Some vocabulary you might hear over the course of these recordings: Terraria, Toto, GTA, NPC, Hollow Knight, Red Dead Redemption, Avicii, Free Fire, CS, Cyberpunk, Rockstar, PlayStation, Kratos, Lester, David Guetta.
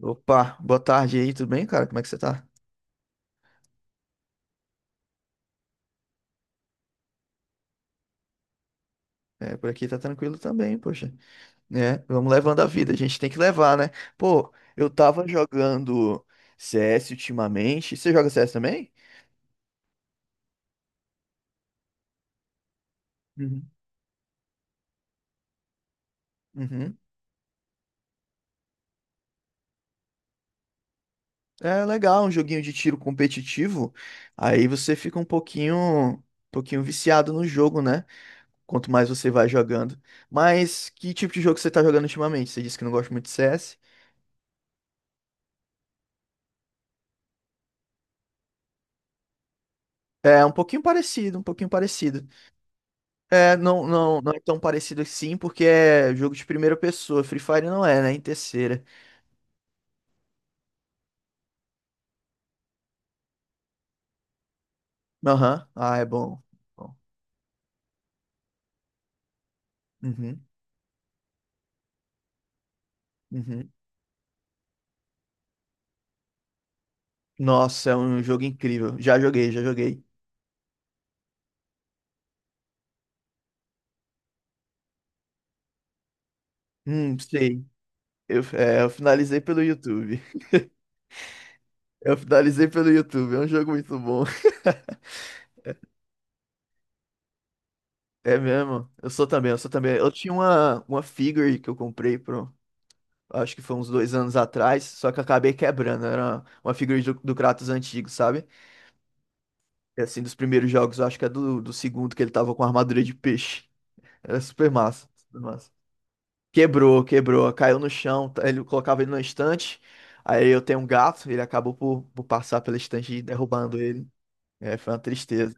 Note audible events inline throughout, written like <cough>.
Opa, boa tarde aí, tudo bem, cara? Como é que você tá? É, por aqui tá tranquilo também, poxa. É, vamos levando a vida, a gente tem que levar, né? Pô, eu tava jogando CS ultimamente. Você joga CS também? Uhum. Uhum. É legal, um joguinho de tiro competitivo. Aí você fica um pouquinho viciado no jogo, né? Quanto mais você vai jogando. Mas que tipo de jogo você tá jogando ultimamente? Você disse que não gosta muito de CS. É um pouquinho parecido, um pouquinho parecido. É, não, não é tão parecido assim, porque é jogo de primeira pessoa. Free Fire não é, né? Em terceira. Aham. Ah, é bom. Bom. Uhum, uhum. Nossa, é um jogo incrível. Já joguei, já joguei. Sei. Eu finalizei pelo YouTube. <laughs> Eu finalizei pelo YouTube. É um jogo muito bom. <laughs> É mesmo? Eu sou também, eu sou também. Eu tinha uma figure que eu comprei pro. Acho que foi uns dois anos atrás, só que eu acabei quebrando. Era uma figure do Kratos antigo, sabe? E, assim, dos primeiros jogos, eu acho que é do segundo, que ele tava com armadura de peixe. Era super massa, super massa. Quebrou, quebrou, caiu no chão, tá- ele colocava ele na estante. Aí eu tenho um gato, ele acabou por passar pela estante e derrubando ele. É, foi uma tristeza.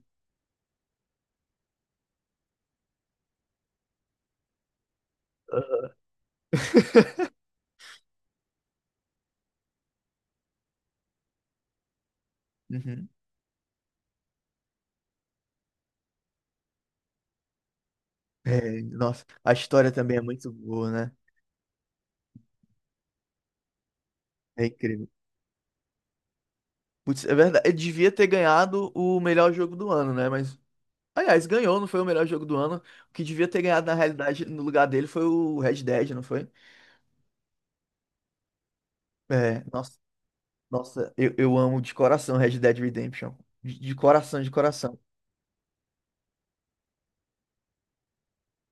Uhum. É, nossa, a história também é muito boa, né? É incrível. Putz, é verdade, ele devia ter ganhado o melhor jogo do ano, né? Mas, aliás, ganhou, não foi o melhor jogo do ano. O que devia ter ganhado, na realidade, no lugar dele foi o Red Dead, não foi? É, nossa. Nossa, eu amo de coração Red Dead Redemption. De coração, de coração.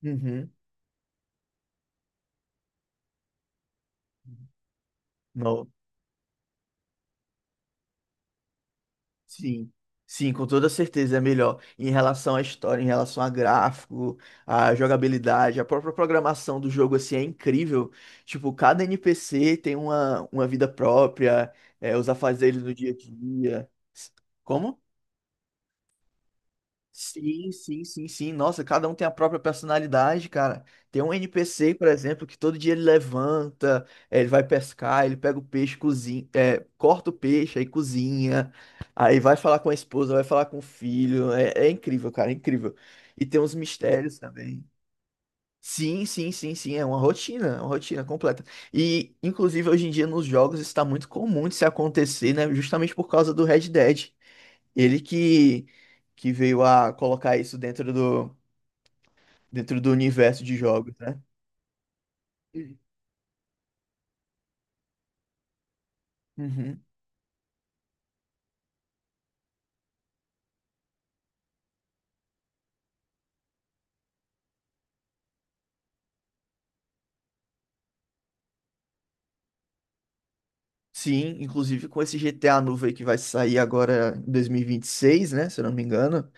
Uhum. Não. Sim. Sim, com toda certeza é melhor. Em relação à história, em relação a gráfico, à jogabilidade, a própria programação do jogo assim é incrível. Tipo, cada NPC tem uma vida própria, é, os afazeres do dia a dia. Como? Sim, sim, sim, sim. Nossa, cada um tem a própria personalidade, cara. Tem um NPC, por exemplo, que todo dia ele levanta, ele vai pescar, ele pega o peixe, cozinha, corta o peixe, aí cozinha, aí vai falar com a esposa, vai falar com o filho. É, é incrível, cara, é incrível. E tem uns mistérios também. Sim, sim, sim, sim. É uma rotina completa. E, inclusive, hoje em dia nos jogos está muito comum de se acontecer, né? Justamente por causa do Red Dead. Ele que veio a colocar isso dentro do universo de jogos, né? Uhum. Sim, inclusive com esse GTA novo aí que vai sair agora em 2026, né? Se eu não me engano.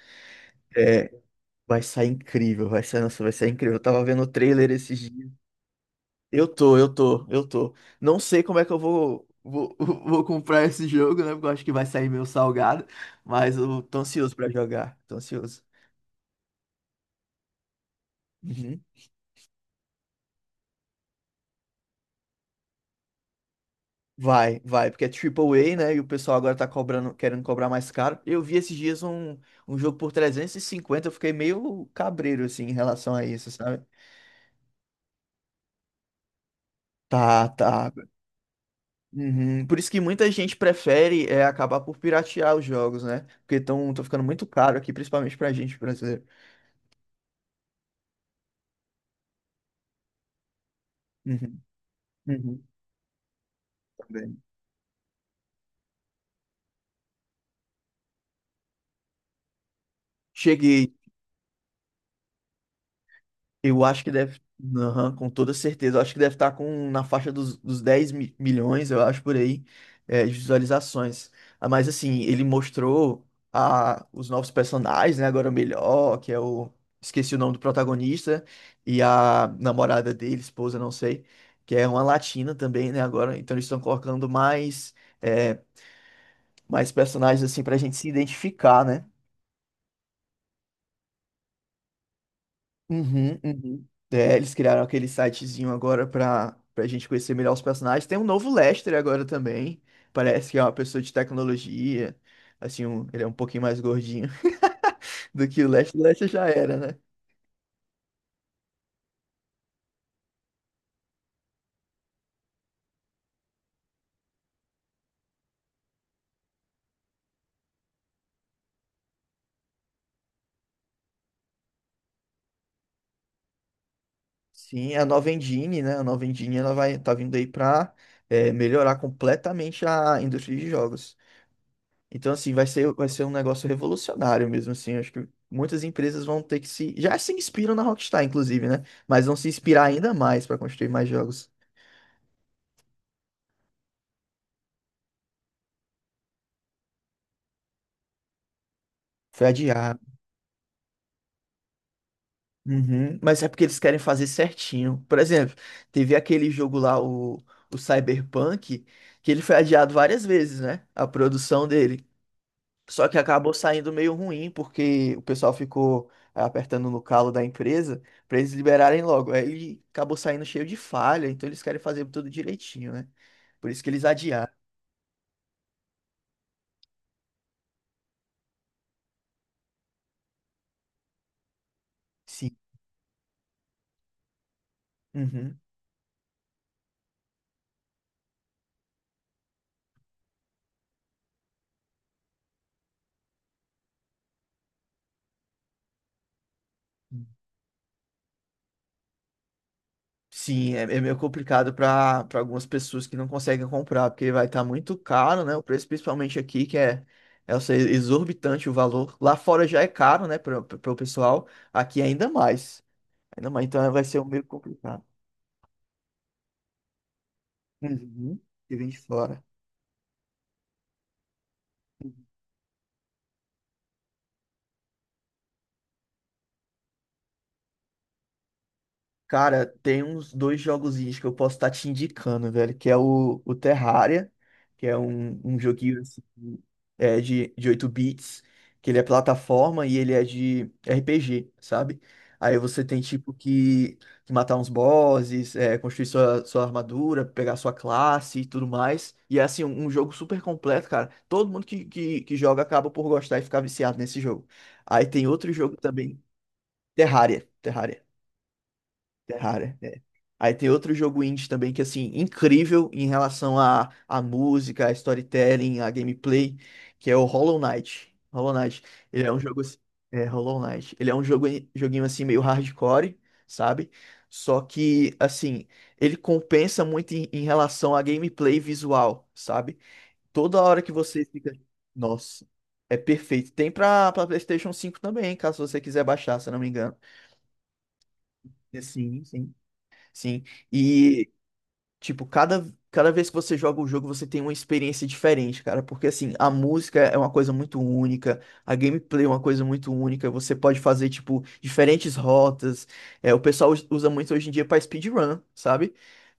É, vai sair incrível, vai sair, nossa, vai sair incrível. Eu tava vendo o trailer esses dias. Eu tô. Não sei como é que eu <laughs> vou comprar esse jogo, né? Porque eu acho que vai sair meio salgado. Mas eu tô ansioso pra jogar, tô ansioso. Uhum. Vai, vai, porque é triple A, né? E o pessoal agora tá cobrando, querendo cobrar mais caro. Eu vi esses dias um jogo por 350, eu fiquei meio cabreiro, assim, em relação a isso, sabe? Tá, tá. Uhum. Por isso que muita gente prefere é, acabar por piratear os jogos, né? Porque estão ficando muito caro aqui, principalmente pra gente brasileiro. Uhum. Uhum. Também. Cheguei. Eu acho que deve, aham, com toda certeza, eu acho que deve estar com na faixa dos 10 mi- milhões, eu acho, por aí, é, de visualizações. Ah, mas assim, ele mostrou a, os novos personagens, né? Agora o melhor, que é o. Esqueci o nome do protagonista, e a namorada dele, esposa, não sei, que é uma latina também, né? Agora, então eles estão colocando mais, é, mais personagens assim pra gente se identificar, né? Uhum, uhum. É, eles criaram aquele sitezinho agora pra gente conhecer melhor os personagens. Tem um novo Lester agora também. Parece que é uma pessoa de tecnologia. Assim, um- ele é um pouquinho mais gordinho <laughs> do que o Lester. O Lester já era, né? Sim, a nova engine, né? A nova engine, ela vai, tá vindo aí pra melhorar completamente a indústria de jogos. Então, assim, vai ser um negócio revolucionário mesmo, assim. Acho que muitas empresas vão ter que se... Já se inspiram na Rockstar, inclusive, né? Mas vão se inspirar ainda mais para construir mais jogos. Foi adiado. Uhum. Mas é porque eles querem fazer certinho. Por exemplo, teve aquele jogo lá, o Cyberpunk, que ele foi adiado várias vezes, né? A produção dele. Só que acabou saindo meio ruim, porque o pessoal ficou é, apertando no calo da empresa pra eles liberarem logo. Aí ele acabou saindo cheio de falha, então eles querem fazer tudo direitinho, né? Por isso que eles adiaram. Sim. Uhum. Sim, é, é meio complicado para algumas pessoas que não conseguem comprar, porque vai estar muito caro, né? O preço, principalmente aqui, que é, é eu sei, exorbitante o valor. Lá fora já é caro, né, para o pessoal, aqui ainda mais. Ainda mais, então vai ser um meio complicado. Uhum. Que vem de fora. Cara, tem uns dois jogozinhos que eu posso estar te indicando, velho, que é o Terraria, que é um joguinho assim, de 8 bits, que ele é plataforma e ele é de RPG, sabe? Aí você tem tipo que matar uns bosses, é, construir sua armadura, pegar sua classe e tudo mais. E é assim, um jogo super completo, cara. Todo mundo que joga acaba por gostar e ficar viciado nesse jogo. Aí tem outro jogo também, Terraria. Terraria. Terraria. É. É. Aí tem outro jogo indie também que, assim, incrível em relação à música, à storytelling, à gameplay, que é o Hollow Knight. Hollow Knight. Ele é um jogo... assim- É, Hollow Knight. Ele é um jogo, joguinho, assim, meio hardcore, sabe? Só que, assim, ele compensa muito em, em relação à gameplay visual, sabe? Toda hora que você fica... Nossa, é perfeito. Tem pra PlayStation 5 também, caso você quiser baixar, se eu não me engano. Sim, sim. Sim. E tipo, cada vez que você joga o jogo, você tem uma experiência diferente, cara. Porque, assim, a música é uma coisa muito única, a gameplay é uma coisa muito única. Você pode fazer, tipo, diferentes rotas. É, o pessoal usa muito hoje em dia pra speedrun, sabe?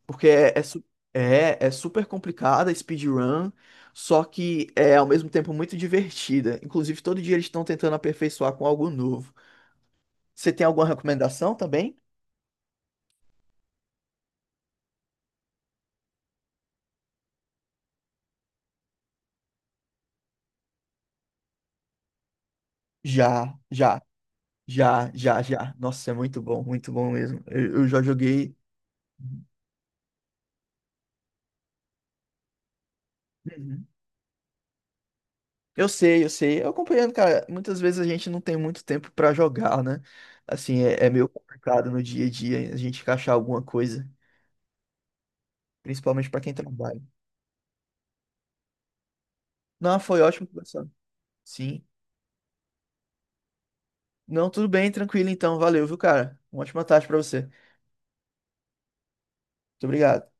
Porque é super complicada a speedrun, só que é, ao mesmo tempo, muito divertida. Inclusive, todo dia eles estão tentando aperfeiçoar com algo novo. Você tem alguma recomendação também? Já, já. Já, já, já. Nossa, é muito bom mesmo. Eu já joguei. Uhum. Eu sei, eu sei. Eu acompanhando, cara, muitas vezes a gente não tem muito tempo pra jogar, né? Assim, é, é meio complicado no dia a dia a gente encaixar alguma coisa, principalmente pra quem trabalha. Não, foi ótimo conversar. Sim. Não, tudo bem, tranquilo então. Valeu, viu, cara? Uma ótima tarde pra você. Muito obrigado.